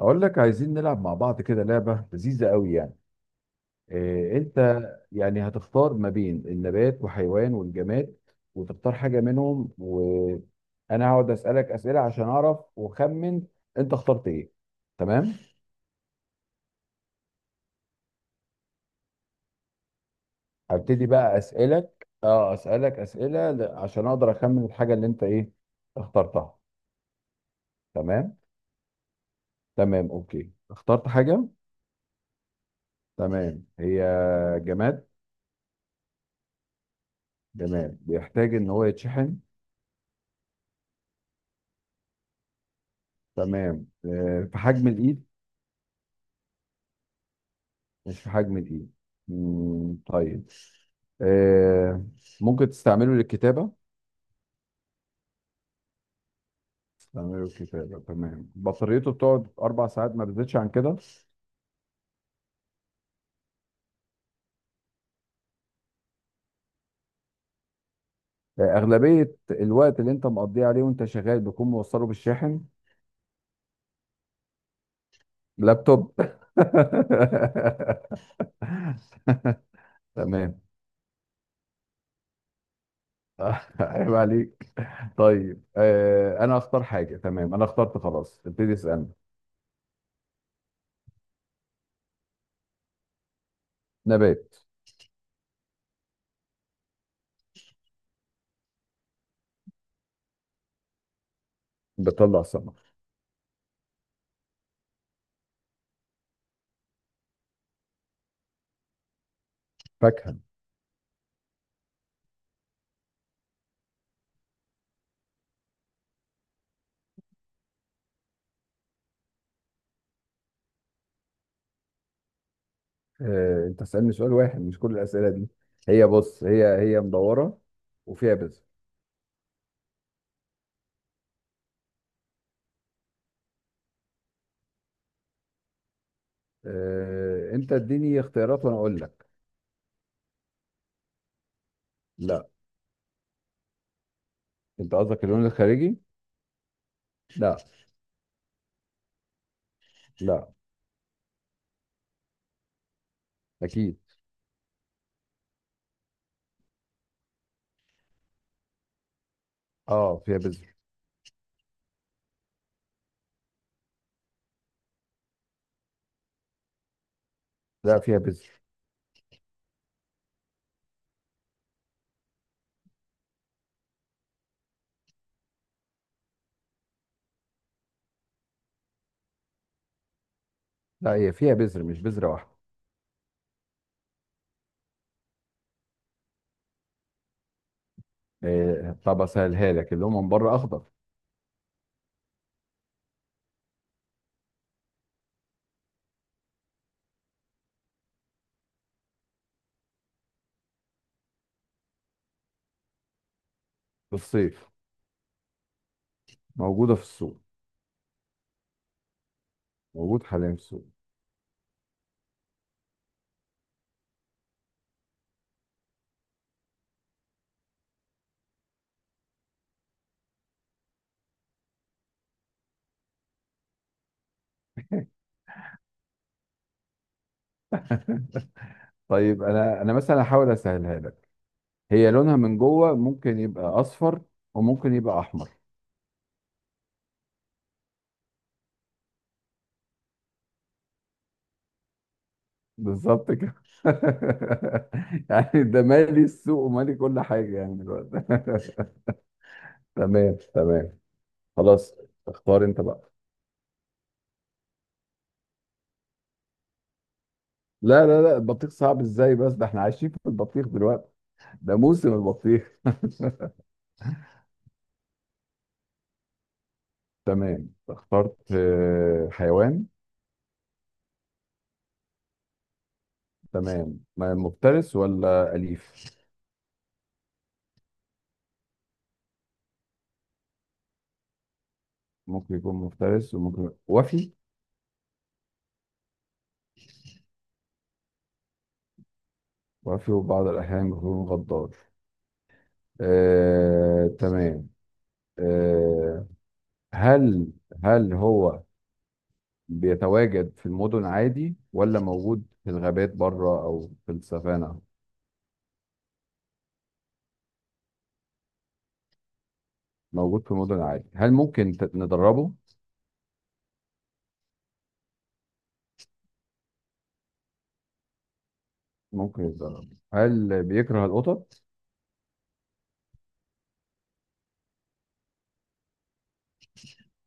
اقول لك عايزين نلعب مع بعض كده لعبه لذيذه قوي يعني. إيه انت؟ يعني هتختار ما بين النبات وحيوان والجماد، وتختار حاجه منهم وانا هقعد اسالك اسئله عشان اعرف واخمن انت اخترت ايه. تمام. هبتدي بقى اسالك اسئله عشان اقدر اخمن الحاجه اللي انت ايه اخترتها. تمام تمام اوكي. اخترت حاجه. تمام، هي جماد. تمام، بيحتاج ان هو يتشحن. تمام. في حجم الايد. مش في حجم دي. طيب. آه ممكن تستعمله للكتابة. تستعمله للكتابة. تمام، بطاريته بتقعد أربع ساعات ما بتزيدش عن كده. أغلبية الوقت اللي أنت مقضيه عليه وأنت شغال بيكون موصله بالشاحن. لابتوب تمام. عيب عليك. طيب، أنا أختار حاجة. تمام أنا اخترت، خلاص ابتدي اسألني. نبات. بتطلع ثمر. فاكهة. انت تسألني سؤال واحد مش كل الأسئلة دي. هي، بص، هي مدورة وفيها بذر. انت اديني اختيارات وانا اقول لك. لا. انت قصدك اللون الخارجي؟ لا. لا. اكيد. اه، فيها بذر. لا، فيها بذر. لا، هي فيها بذر مش بذرة واحدة. طب اسهلها لك، اللي هو من بره اخضر. في الصيف. موجودة في السوق. موجود حاليا في السوق. طيب انا مثلا هحاول اسهلها لك. هي لونها من جوه ممكن يبقى اصفر، وممكن يبقى احمر. بالظبط كده. يعني ده مالي السوق ومالي كل حاجة يعني دلوقتي تمام تمام. خلاص. اختار انت بقى. لا لا لا، البطيخ صعب ازاي؟ بس ده احنا عايشين في البطيخ دلوقتي. ده موسم البطيخ تمام اخترت. حيوان. تمام. مفترس ولا أليف؟ ممكن يكون مفترس وممكن، وفي وبعض الأحيان يكون غدار. تمام. آه، هل، هو بيتواجد في المدن عادي، ولا موجود في الغابات بره او في السافانا؟ موجود في المدن عادي. هل ممكن ندربه؟ ممكن يتدرب. هل بيكره القطط؟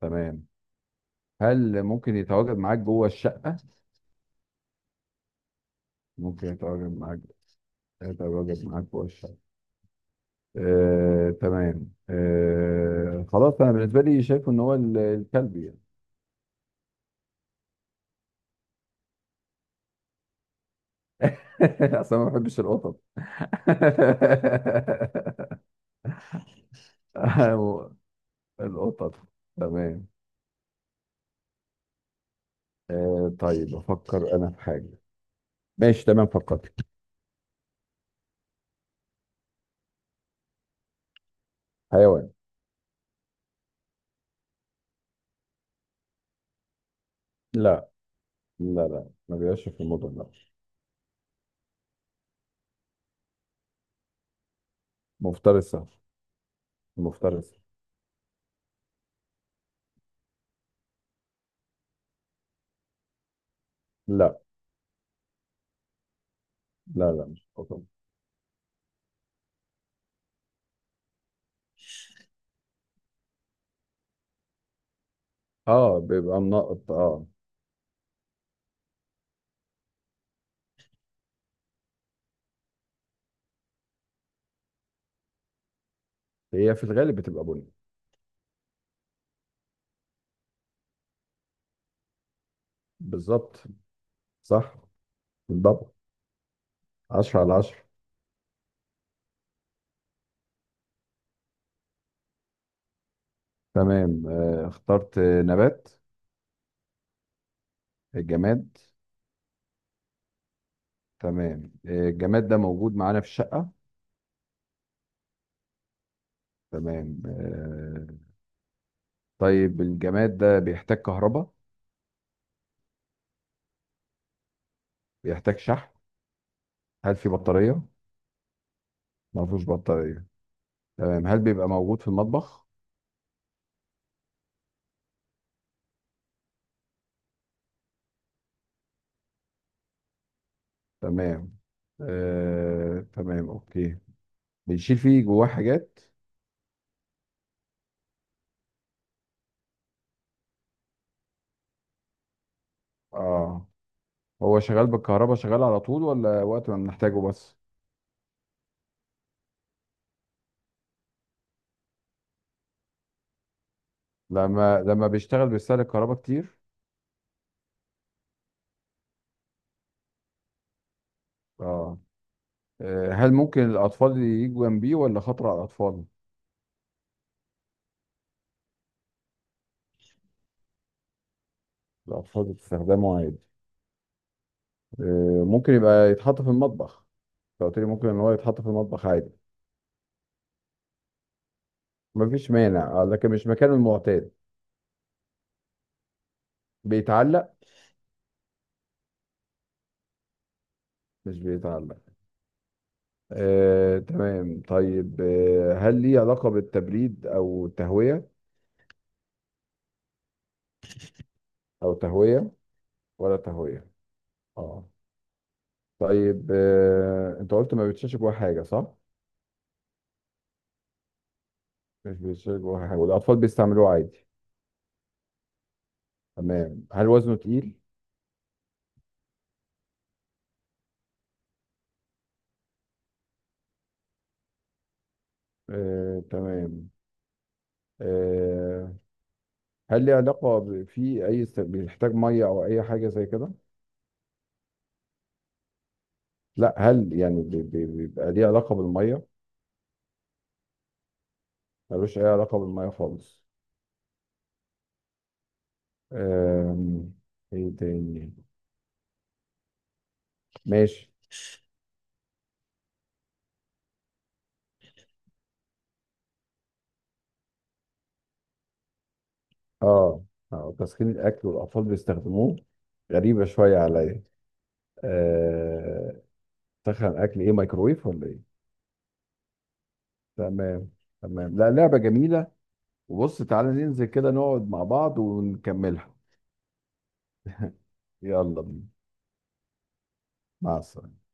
تمام. هل ممكن يتواجد معاك جوه الشقة؟ ممكن يتواجد معاك. يتواجد معاك جوه الشقة. تمام. خلاص انا بالنسبة لي شايف ان هو الكلب يعني. اصلا ما بحبش القطط القطط. تمام. طيب افكر انا في حاجه. ماشي تمام فكرت. حيوان. لا لا لا، ما بيعيش في المدن لا. مفترسه. مفترسه. لا لا لا، مش قطن. اه، بيبقى منقط اه. هي في الغالب بتبقى بني. بالظبط. صح بالضبط. 10 على 10. تمام. اخترت نبات. الجماد. تمام. الجماد ده موجود معانا في الشقه. تمام طيب الجماد ده بيحتاج كهرباء. بيحتاج شحن. هل في بطاريه؟ ما فيهوش بطارية. تمام. هل بيبقى موجود في المطبخ؟ تمام. تمام اوكي. بنشيل فيه جواه حاجات؟ اه. هو شغال بالكهرباء شغال على طول، ولا وقت ما بنحتاجه بس؟ لما بيشتغل بيستهلك كهرباء كتير؟ اه. هل ممكن الاطفال يجوا جنبيه، ولا خطر على الاطفال؟ الاطفال بتستخدمه عادي. ممكن يبقى يتحط في المطبخ. أنت قلت لي ممكن ان هو يتحط في المطبخ عادي. مفيش مانع، لكن مش مكانه المعتاد. بيتعلق. مش بيتعلق. تمام. طيب، هل ليه علاقة بالتبريد أو تهوية؟ أو تهوية؟ ولا تهوية؟ اه. طيب، أنت قلت ما بيتشالش جواه حاجة صح؟ مش بيتشال جواه حاجة والأطفال بيستعملوه عادي. تمام. هل وزنه تقيل؟ تمام. آه، هل ليه علاقة في أي بيحتاج مية أو أي حاجة زي كده؟ لا، هل يعني بيبقى ليه علاقة بالمية؟ ملوش أي علاقة بالمية خالص. آم، إيه تاني؟ ماشي. اه. اه، تسخين الاكل والاطفال بيستخدموه؟ غريبه شويه عليا. آه، تسخن اكل ايه، مايكرويف ولا ايه؟ تمام تمام. لا، لعبه جميله. وبص تعالى ننزل كده نقعد مع بعض ونكملها. يلا بينا. مع السلامه.